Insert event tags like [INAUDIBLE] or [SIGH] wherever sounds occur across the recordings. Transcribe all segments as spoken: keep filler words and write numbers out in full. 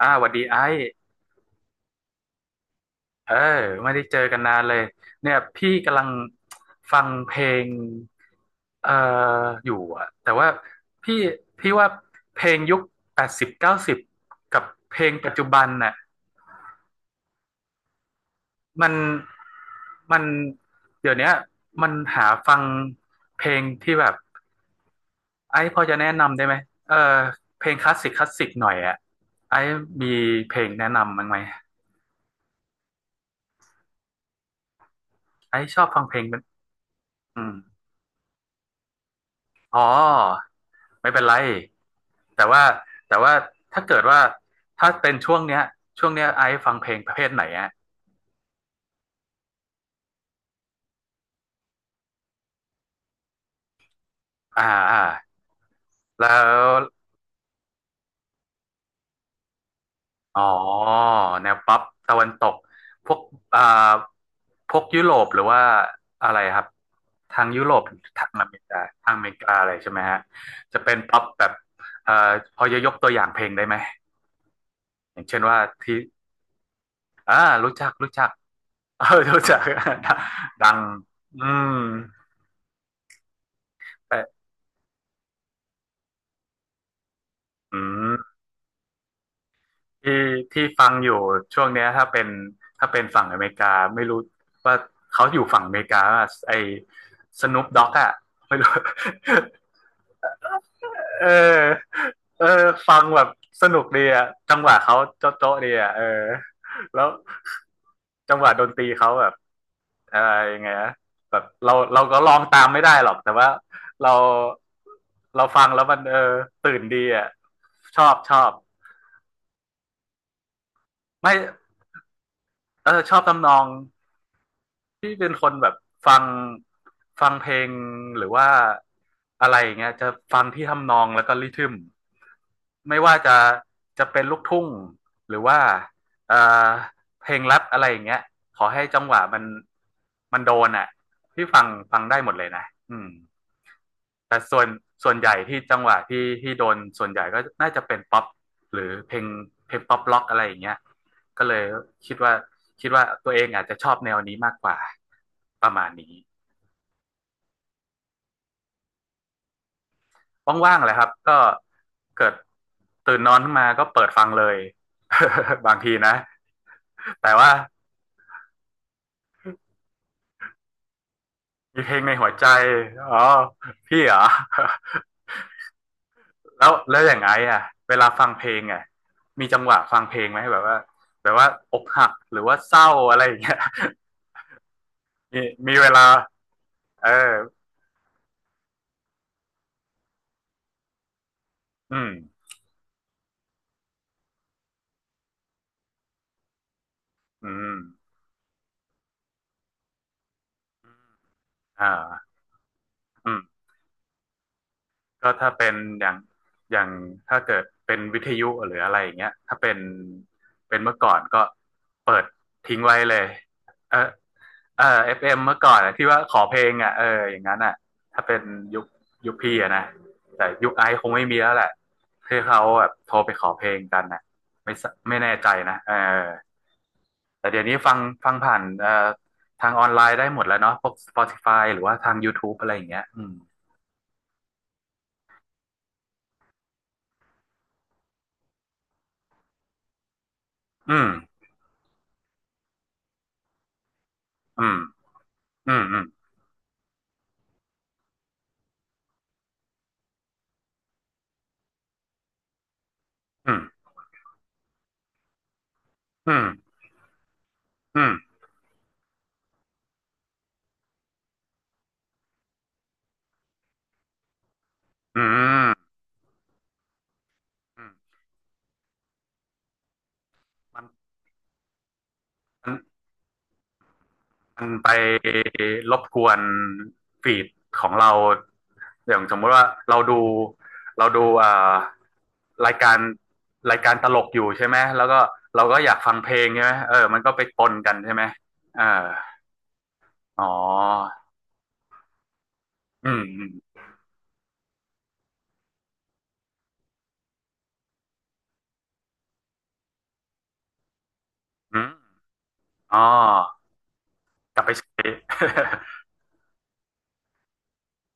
อ่าหวัดดีไอ้เออไม่ได้เจอกันนานเลยเนี่ยพี่กำลังฟังเพลงเอ่ออยู่อะแต่ว่าพี่พี่ว่าเพลงยุคแปดสิบเก้าสิบกับเพลงปัจจุบันน่ะมันมันเดี๋ยวเนี้ยมันหาฟังเพลงที่แบบไอ้พอจะแนะนำได้ไหมเออเพลงคลาสสิกคลาสสิกหน่อยอะไอ้มีเพลงแนะนำมั้างไหมไอ้ชอบฟังเพลงเป็นอืมอ๋อไม่เป็นไร แต่ว่าแต่ว่าถ้าเกิดว่าถ้าเป็นช่วงเนี้ยช่วงเนี้ยไอซ์ฟังเพลงประเภทไหนอะอ่าอ่าแล้วอ๋อแนวป๊อปตะวันตกพวกอ่าพวกยุโรปหรือว่าอะไรครับทางยุโรปทางอเมริกาทางอเมริกาอะไรใช่ไหมฮะจะเป็นป๊อปแบบเอ่อพอจะยกตัวอย่างเพลงได้ไหมอย่างเช่นว่าที่อ่ารู้จักรู้จัก [LAUGHS] เออรู้จัก [LAUGHS] ดังอืมแต่อืม ที่ที่ฟังอยู่ช่วงเนี้ยถ้าเป็นถ้าเป็นฝั่งอเมริกาไม่รู้ว่าเขาอยู่ฝั่งอเมริกาป่ะไอ้สนุปด็อกอะไม่รู้ [LAUGHS] เออเออฟังแบบสนุกดีอะจังหวะเขาโจ๊ะโจ๊ะดีอะเออแล้วจังหวะดนตรีเขาแบบเออยังไงนะแบบเราเราก็ลองตามไม่ได้หรอกแต่ว่าเราเราฟังแล้วมันเออตื่นดีอะชอบชอบไม่เออชอบทำนอง ที่เป็นคนแบบฟังฟังเพลงหรือว่าอะไรอย่างเงี้ยจะฟังที่ทำนองแล้วก็ริทึมไม่ว่าจะจะเป็นลูกทุ่งหรือว่าเอ่อเพลงแรปอะไรอย่างเงี้ยขอให้จังหวะมันมันโดนอ่ะพี่ฟังฟังได้หมดเลยนะอืม แต่ส่วนส่วนใหญ่ที่จังหวะที่ที่โดนส่วนใหญ่ก็น่าจะเป็นป๊อปหรือเพลงเพลงป๊อปล็อกอะไรอย่างเงี้ยก็เลยคิดว่าคิดว่าตัวเองอาจจะชอบแนวนี้มากกว่าประมาณนี้ว่างๆแหละครับก็เกิดตื่นนอนขึ้นมาก็เปิดฟังเลย [LAUGHS] บางทีนะแต่ว่ามีเพลงในหัวใจอ๋อพี่เหรอ [LAUGHS] แล้วแล้วอย่างไงอ่ะเวลาฟังเพลงอ่ะมีจังหวะฟังเพลงไหมแบบว่าแบบว่าอกหักหรือว่าเศร้าอะไรอย่างเงี้ย มีมีเวลาเอออืมอืมอ่าอืมก็ถ้าเป็นอย่างอย่างถ้าเกิดเป็นวิทยุหรืออะไรอย่างเงี้ยถ้าเป็นเป็นเมื่อก่อนก็เปิดทิ้งไว้เลยเออเออเอฟเอ็มเมื่อก่อนอะที่ว่าขอเพลงอ่ะเอออย่างนั้นอ่ะถ้าเป็นยุคยุคพี่อะนะแต่ยุคไอซ์คงไม่มีแล้วแหละคือเขาแบบโทรไปขอเพลงกันอ่ะไม่สไม่แน่ใจนะเออ แต่เดี๋ยวนี้ฟังฟังผ่านเอ่อทางออนไลน์ได้หมดแล้วเนาะพวก Spotify หรือว่าทาง YouTube อะไรอย่างเงี้ยอืมอืมอืมอืมอืมอืมอืมอืมอืมมันมันมันไปรบกวนฟีดของเราอย่างสมมติว่าเราดูเราดูเอ่อรายการรายการตลกอยู่ใช่ไหมแล้วก็เราก็อยากฟังเพลงใช่ไหมเออมันก็ไปปนกันใช่ไหมเอออ๋ออืมอืมอืมอ๋อ กลับไปใช้ [LAUGHS]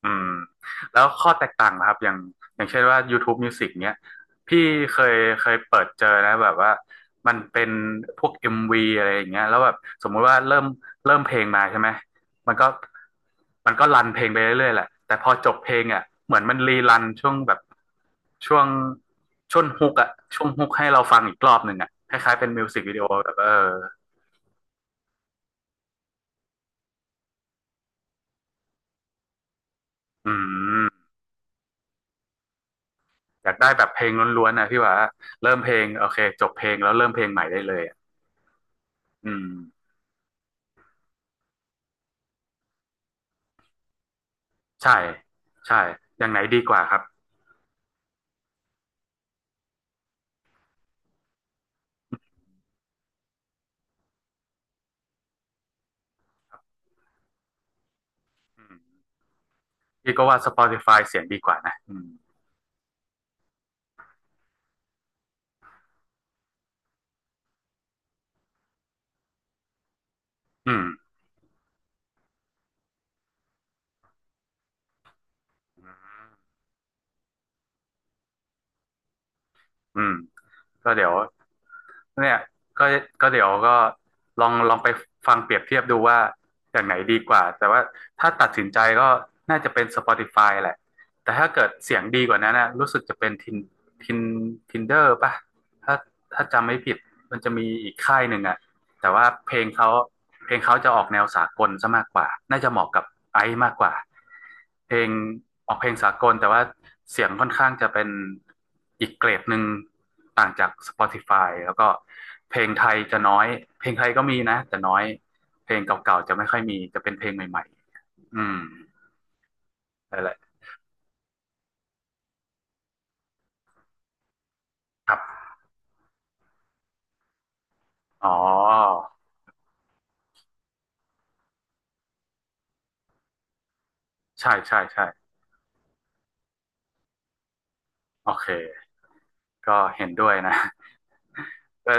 อืมแล้วข้อแตกต่างนะครับอย่างอย่างเช่นว่า YouTube Music เนี้ยพี่เคยเคยเปิดเจอนะแบบว่ามันเป็นพวก เอ็ม วี อมวีอะไรอย่างเงี้ยแล้วแบบสมมุติว่าเริ่มเริ่มเพลงมาใช่ไหมมันก็มันก็รันเพลงไปเรื่อยๆแหละแต่พอจบเพลงอ่ะเหมือนมันรีรันช่วงแบบช่วงช่วงฮุกอ่ะช่วงฮุกให้เราฟังอีกรอบหนึ่งอ่ะคล้ายๆเป็นมิวสิกวิดีโอแบบเอออืม อยากได้แบบเพลงล้วนๆนะพี่ว่าเริ่มเพลงโอเคจบเพลงแล้วเริ่มเพลงใหม่ได้เลยอะอืมใช่ใช่อย่างไหนดีกว่าครับอืมพี่ก็ว่า Spotify เสียงดีกว่านะอืมอืมอืมก็เดี๋ยวเนี่ยก็ก็เดี๋ยวก็ลองลองไปฟังเปรียบเทียบดูว่าอย่างไหนดีกว่าแต่ว่าถ้าตัดสินใจก็น่าจะเป็น Spotify แหละแต่ถ้าเกิดเสียงดีกว่านั้นนะรู้สึกจะเป็นทินทินทินเดอร์ป่ะถ้าถ้าจำไม่ผิดมันจะมีอีกค่ายหนึ่งอ่ะ แต่ว่าเพลงเขาเพลงเขาจะออกแนวสากลซะมากกว่าน่าจะเหมาะกับไอซ์มากกว่าเพลงออกเพลงสากลแต่ว่าเสียงค่อนข้างจะเป็นอีกเกรดหนึ่งต่างจาก Spotify แล้วก็เพลงไทยจะน้อยเพลงไทยก็มีนะแต่น้อยเพลงเก่าๆจะไม่ค่อยมีจะเป็นเพลงใหม่ๆอืมนั่นแหละครับอ๋อใช่ใช่ใช่โอเคก็เห็นด้วยนะ [LAUGHS] ก็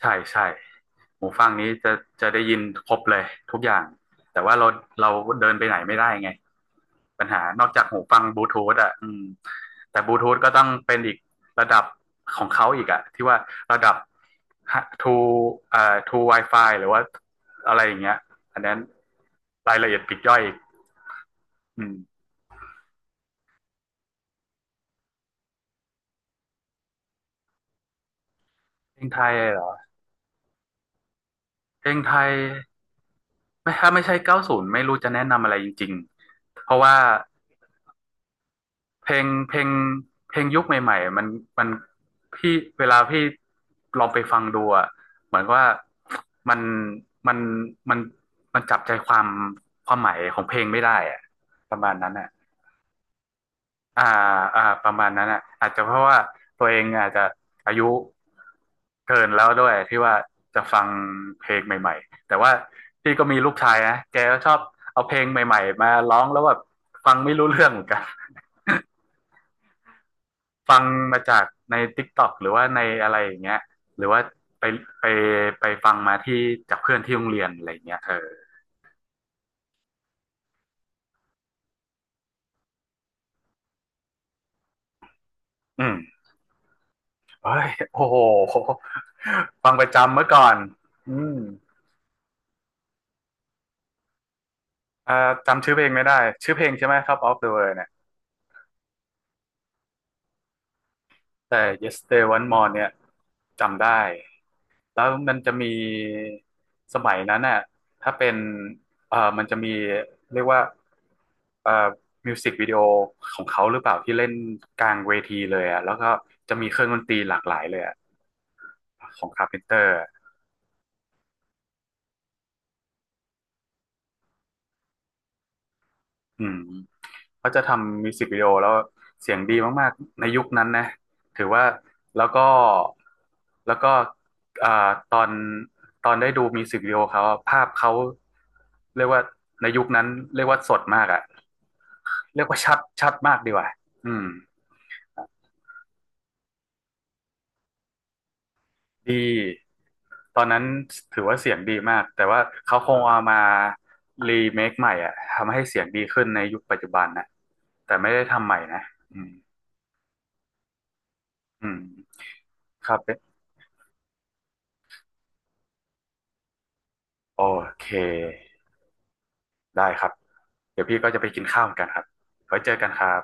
ใช่ใช่ หูฟังนี้จะจะได้ยินครบเลยทุกอย่างแต่ว่าเราเราเดินไปไหนไม่ได้ไงปัญหานอกจากหูฟังบลูทูธอ่ะอืมแต่บลูทูธก็ต้องเป็นอีกระดับของเขาอีกอ่ะที่ว่าระดับ to เอ่อ ทู วายฟาย หรือว่าอะไรอย่างเงี้ยอันนั้นรายละเอียดปลีกย่อยอีกอืมเพลงไทยเหรอเพลงไทยไม่ถ้าไม่ใช่เก้าศูนย์ไม่รู้จะแนะนำอะไรจริงๆเพราะว่า เพลงเพลงเพลงยุคใหม่ๆมันมันพี่เวลาพี่ลองไปฟังดูอะเหมือนว่ามันมันมันมันจับใจความความหมายของเพลงไม่ได้อะประมาณนั้นอะอ่าอ่าประมาณนั้นอะอาจจะเพราะว่าตัวเองอาจจะอายุเกินแล้วด้วยที่ว่าจะฟังเพลงใหม่ๆแต่ว่าพี่ก็มีลูกชายนะแกก็ชอบเอาเพลงใหม่ๆมาร้องแล้วแบบฟังไม่รู้เรื่องเหมือนกัน ฟังมาจากใน ติ๊กต็อก หรือว่าในอะไรอย่างเงี้ยหรือว่าไปไปไปฟังมาที่จากเพื่อนที่โรงเรียนอะไรอย่างเงี้ยเอออืมเฮ้ยโอ้โหฟังประจำเมื่อก่อนอืมอ่าจำชื่อเพลงไม่ได้ชื่อเพลงใช่ไหม ท็อป ออฟ เดอะ เวิลด์ เนี่ยแต่ เยสเตอร์เดย์ โอ เอ็น อี มอร์ เนี่ยจำได้ แล้วมันจะมีสมัยนั้นน่ะถ้าเป็นเออมันจะมีเรียกว่าเอ่อมิวสิกวิดีโอของเขาหรือเปล่าที่เล่นกลางเวทีเลยอ่ะแล้วก็จะมีเครื่องดนตรีหลากหลายเลยอ่ะของคาร์เพนเตอร์อืมเขาจะทำมิวสิกวิดีโอแล้วเสียงดีมากๆในยุคนั้นนะถือว่าแล้วก็แล้วก็เอ่อตอนตอนได้ดูมิวสิกวิดีโอเขาอะภาพเขาเรียกว่าในยุคนั้นเรียกว่าสดมากอ่ะ เรียกว่าชัดชัดมากดีกว่าอืม ดี ตอนนั้นถือว่าเสียงดีมาก แต่ว่าเขาคงเอามารีเมคใหม่อ่ะทำให้เสียงดีขึ้นในยุคปัจจุบันนะ แต่ไม่ได้ทำใหม่นะอืมอืมครับเป๊ะโอเค ได้ครับ เดี๋ยวพี่ก็จะไปกินข้าวเหมือนกันครับไว้เจอกันครับ